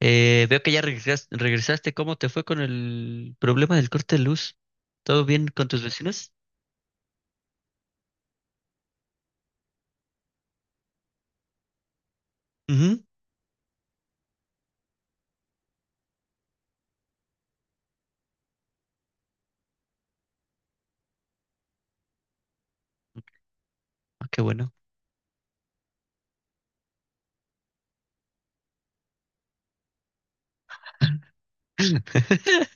Veo que ya regresaste. ¿Cómo te fue con el problema del corte de luz? ¿Todo bien con tus vecinos? Ujú. Ah, qué bueno.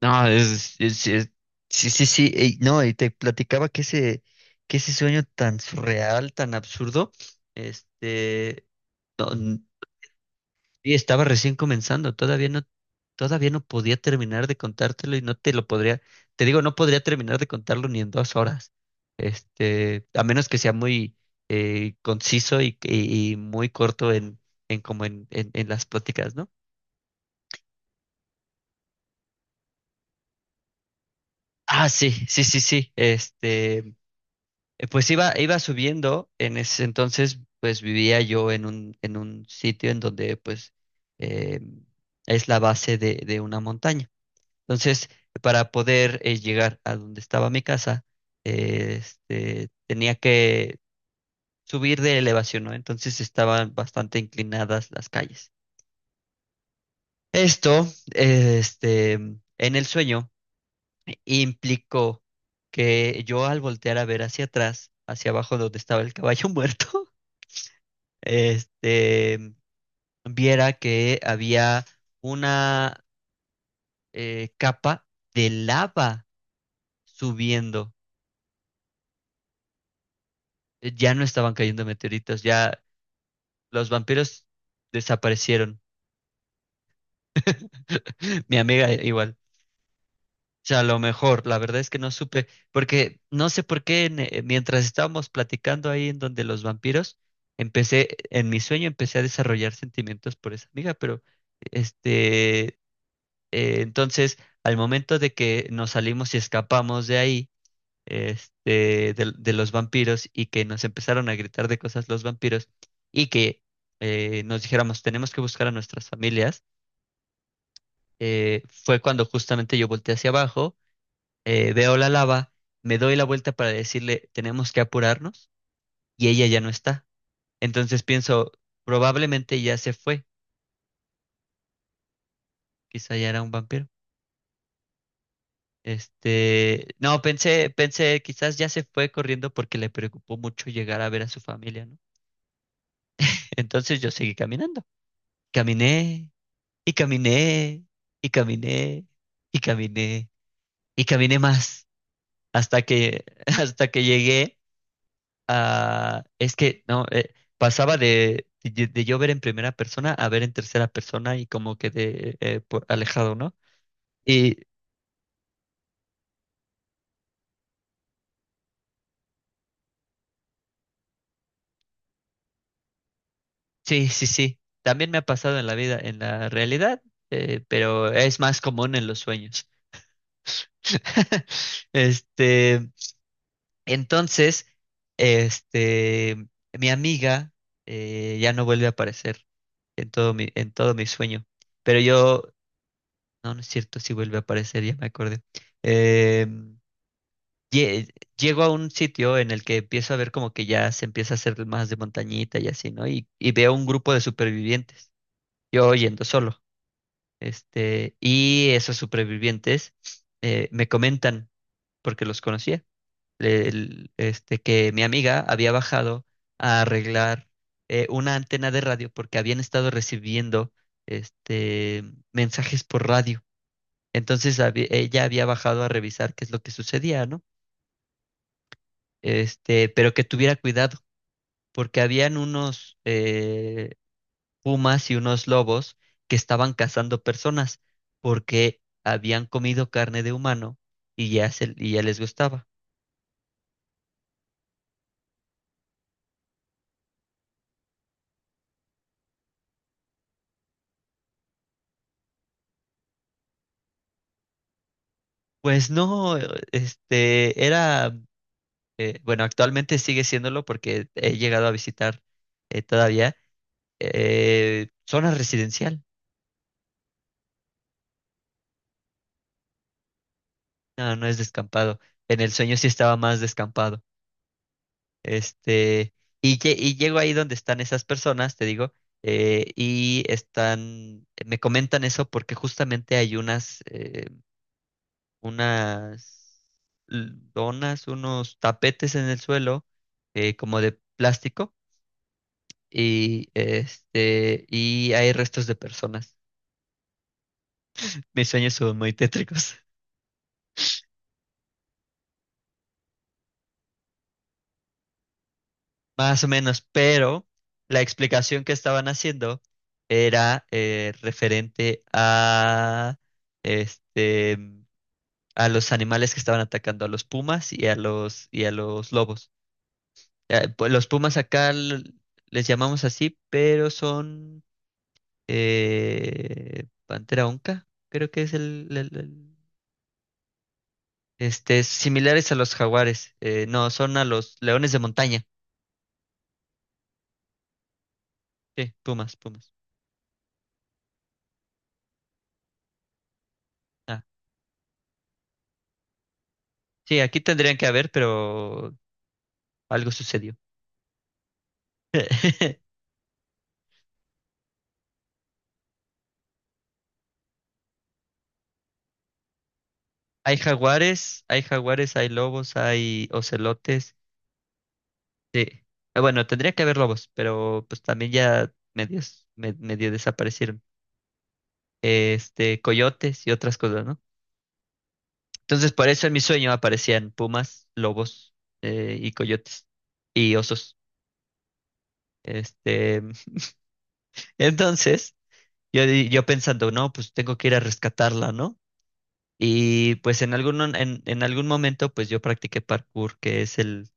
No, sí, sí, sí. Ey, no, y te platicaba que ese sueño tan surreal, tan absurdo, este, no. Y estaba recién comenzando, todavía no podía terminar de contártelo y no te lo podría, te digo, no podría terminar de contarlo ni en 2 horas. A menos que sea muy conciso y muy corto en como en las pláticas, ¿no? Ah, sí, sí, sí, sí. Pues iba subiendo. En ese entonces, pues vivía yo en un sitio en donde pues eh, es la base de una montaña. Entonces, para poder llegar a donde estaba mi casa, tenía que subir de elevación, ¿no? Entonces estaban bastante inclinadas las calles. Esto, en el sueño implicó que yo, al voltear a ver hacia atrás, hacia abajo donde estaba el caballo muerto, este, viera que había una capa de lava subiendo. Ya no estaban cayendo meteoritos, ya los vampiros desaparecieron. Mi amiga igual. O sea, a lo mejor, la verdad es que no supe, porque no sé por qué mientras estábamos platicando ahí en donde los vampiros, en mi sueño empecé a desarrollar sentimientos por esa amiga, pero este, entonces, al momento de que nos salimos y escapamos de ahí, de los vampiros, y que nos empezaron a gritar de cosas los vampiros, y que nos dijéramos, tenemos que buscar a nuestras familias. Fue cuando justamente yo volteé hacia abajo, veo la lava, me doy la vuelta para decirle, tenemos que apurarnos, y ella ya no está. Entonces pienso, probablemente ya se fue, quizá ya era un vampiro. No, pensé, pensé, quizás ya se fue corriendo porque le preocupó mucho llegar a ver a su familia, ¿no? Entonces yo seguí caminando. Caminé y caminé y caminé y caminé y caminé más hasta que hasta que llegué a, es que no, pasaba de yo ver en primera persona a ver en tercera persona y como que de por alejado, ¿no? Y sí, sí, sí. También me ha pasado en la vida, en la realidad, pero es más común en los sueños. Este, Entonces, este, mi amiga ya no vuelve a aparecer en todo mi sueño. Pero yo, no, no es cierto, sí vuelve a aparecer, ya me acordé. Em, lle- Llego a un sitio en el que empiezo a ver como que ya se empieza a hacer más de montañita y así, ¿no? Y veo un grupo de supervivientes, yo yendo solo. Y esos supervivientes me comentan, porque los conocía que mi amiga había bajado a arreglar una antena de radio porque habían estado recibiendo este, mensajes por radio. Entonces ella había bajado a revisar qué es lo que sucedía, ¿no? Pero que tuviera cuidado porque habían unos pumas y unos lobos que estaban cazando personas porque habían comido carne de humano y ya, y ya les gustaba. Pues no, este, era bueno, actualmente sigue siéndolo porque he llegado a visitar todavía zona residencial. No, no es descampado. En el sueño sí estaba más descampado. Este, y, y llego ahí donde están esas personas, te digo, y están, me comentan eso porque justamente hay unas donas, unos tapetes en el suelo, como de plástico, y este, y hay restos de personas. Mis sueños son muy tétricos. Más o menos, pero la explicación que estaban haciendo era referente a, este, a los animales que estaban atacando, a los pumas y y a los lobos. Pues, los pumas acá les llamamos así, pero son pantera onca, creo que es similares a los jaguares. No, son a los leones de montaña. Sí, pumas, pumas. Ah, sí, aquí tendrían que haber, pero algo sucedió. Hay jaguares, hay jaguares, hay lobos, hay ocelotes. Sí. Ah, bueno, tendría que haber lobos, pero pues también ya medios, medio desaparecieron. Coyotes y otras cosas, ¿no? Entonces, por eso en mi sueño aparecían pumas, lobos, y coyotes y osos. Este, entonces, yo, yo pensando, no, pues tengo que ir a rescatarla, ¿no? Y pues en algún momento pues yo practiqué parkour, que es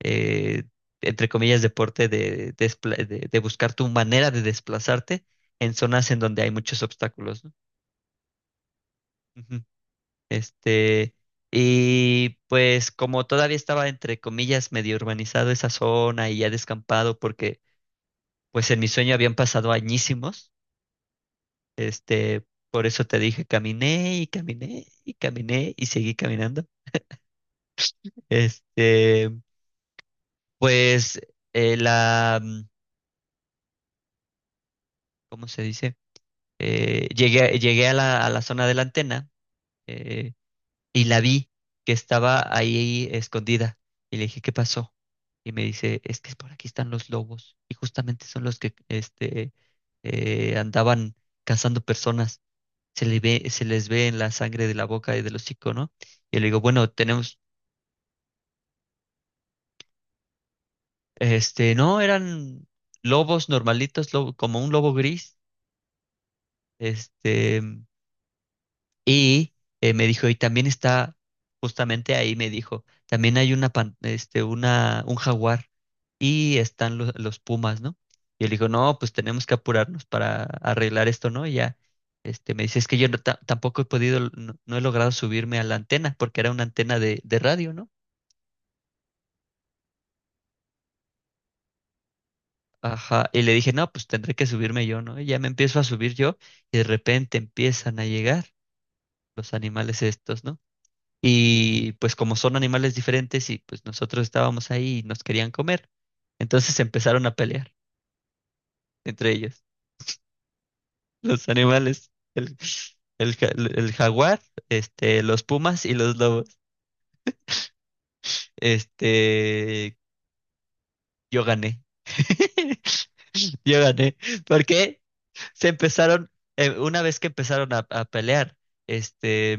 eh, entre comillas, deporte de, de buscar tu manera de desplazarte en zonas en donde hay muchos obstáculos, ¿no? Ujú. Este, y pues como todavía estaba, entre comillas, medio urbanizado esa zona y ya descampado, porque pues en mi sueño habían pasado añísimos, este, por eso te dije, caminé y caminé y caminé y seguí caminando. Este... pues eh, la, mm, ¿cómo se dice? Llegué a la zona de la antena, eh, y la vi que estaba ahí escondida. Y le dije, ¿qué pasó? Y me dice, es que por aquí están los lobos y justamente son los que andaban cazando personas. Se les ve en la sangre de la boca y del hocico, ¿no? Y le digo, bueno, tenemos, no, eran lobos normalitos, como un lobo gris. este, Y me dijo, y también está, justamente ahí me dijo, también hay una, pan- este, una, un jaguar y están los pumas, ¿no? Y él dijo, no, pues tenemos que apurarnos para arreglar esto, ¿no? Y ya, me dice, es que yo no tampoco he podido, no, no he logrado subirme a la antena, porque era una antena de radio, ¿no? Ajá, y le dije, no, pues tendré que subirme yo, ¿no? Y ya me empiezo a subir yo y de repente empiezan a llegar los animales estos, ¿no? Y pues como son animales diferentes y pues nosotros estábamos ahí y nos querían comer, entonces empezaron a pelear entre ellos, los animales, el jaguar, los pumas y los lobos. Este, yo gané. Yo gané. ¿Por qué? Se empezaron, una vez que empezaron a pelear, este,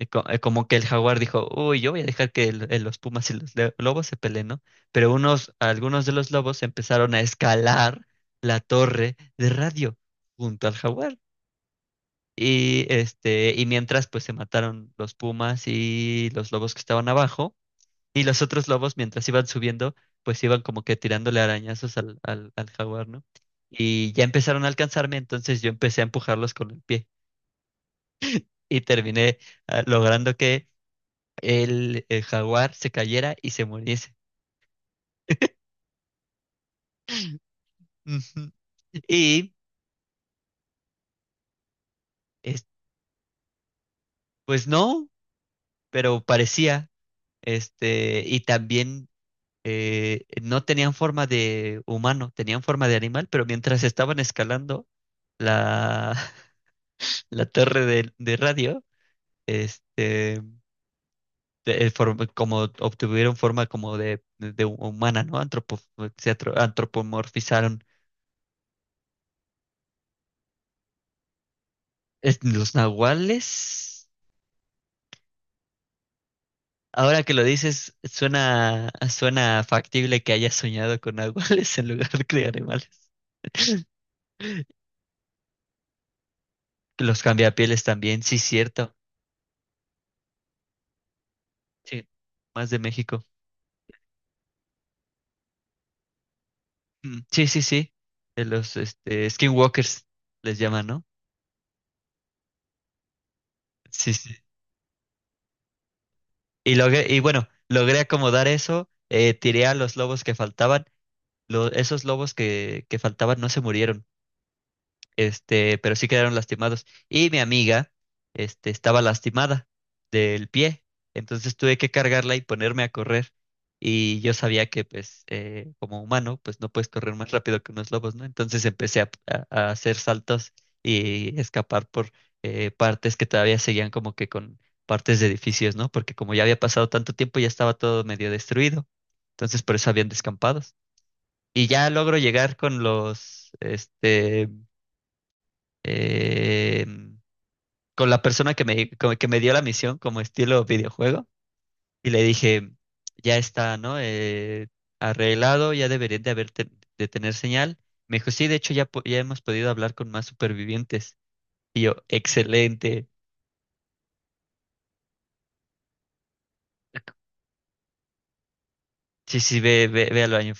es, es como que el jaguar dijo, uy, yo voy a dejar que los pumas y los lobos se peleen, ¿no? Pero unos, algunos de los lobos empezaron a escalar la torre de radio junto al jaguar. Y mientras, pues se mataron los pumas y los lobos que estaban abajo, y los otros lobos mientras iban subiendo pues iban como que tirándole arañazos al jaguar, ¿no? Y ya empezaron a alcanzarme, entonces yo empecé a empujarlos con el pie y terminé, ah, logrando que el jaguar se cayera y se muriese. Ujú. Y es- pues no, pero parecía, y también no tenían forma de humano, tenían forma de animal, pero mientras estaban escalando la, la torre de radio, este, como obtuvieron forma como de humana, ¿no? Antropomorfizaron. Los nahuales. Ahora que lo dices, suena, suena factible que haya soñado con nahuales en lugar de animales. Que los cambiapieles también, sí, cierto. Sí, más de México. Mm, sí, sí, sí. De los skinwalkers les llaman, ¿no? Sí, sí. Y logré, y bueno, logré acomodar eso, tiré a los lobos que faltaban. Esos lobos que faltaban no se murieron. Pero sí quedaron lastimados. Y mi amiga, estaba lastimada del pie, entonces tuve que cargarla y ponerme a correr. Y yo sabía que, pues, como humano, pues no puedes correr más rápido que unos lobos, ¿no? Entonces empecé a hacer saltos y escapar por partes que todavía seguían como que con partes de edificios, ¿no? Porque como ya había pasado tanto tiempo, ya estaba todo medio destruido. Entonces por eso habían descampados. Y ya logro llegar con los, eh, con la persona que me, que me dio la misión como estilo videojuego y le dije, ya está, ¿no? Arreglado, ya deberían de de tener señal. Me dijo, sí, de hecho ya, ya hemos podido hablar con más supervivientes. Y yo, excelente. Sí, sí, ve, ve, ve al baño.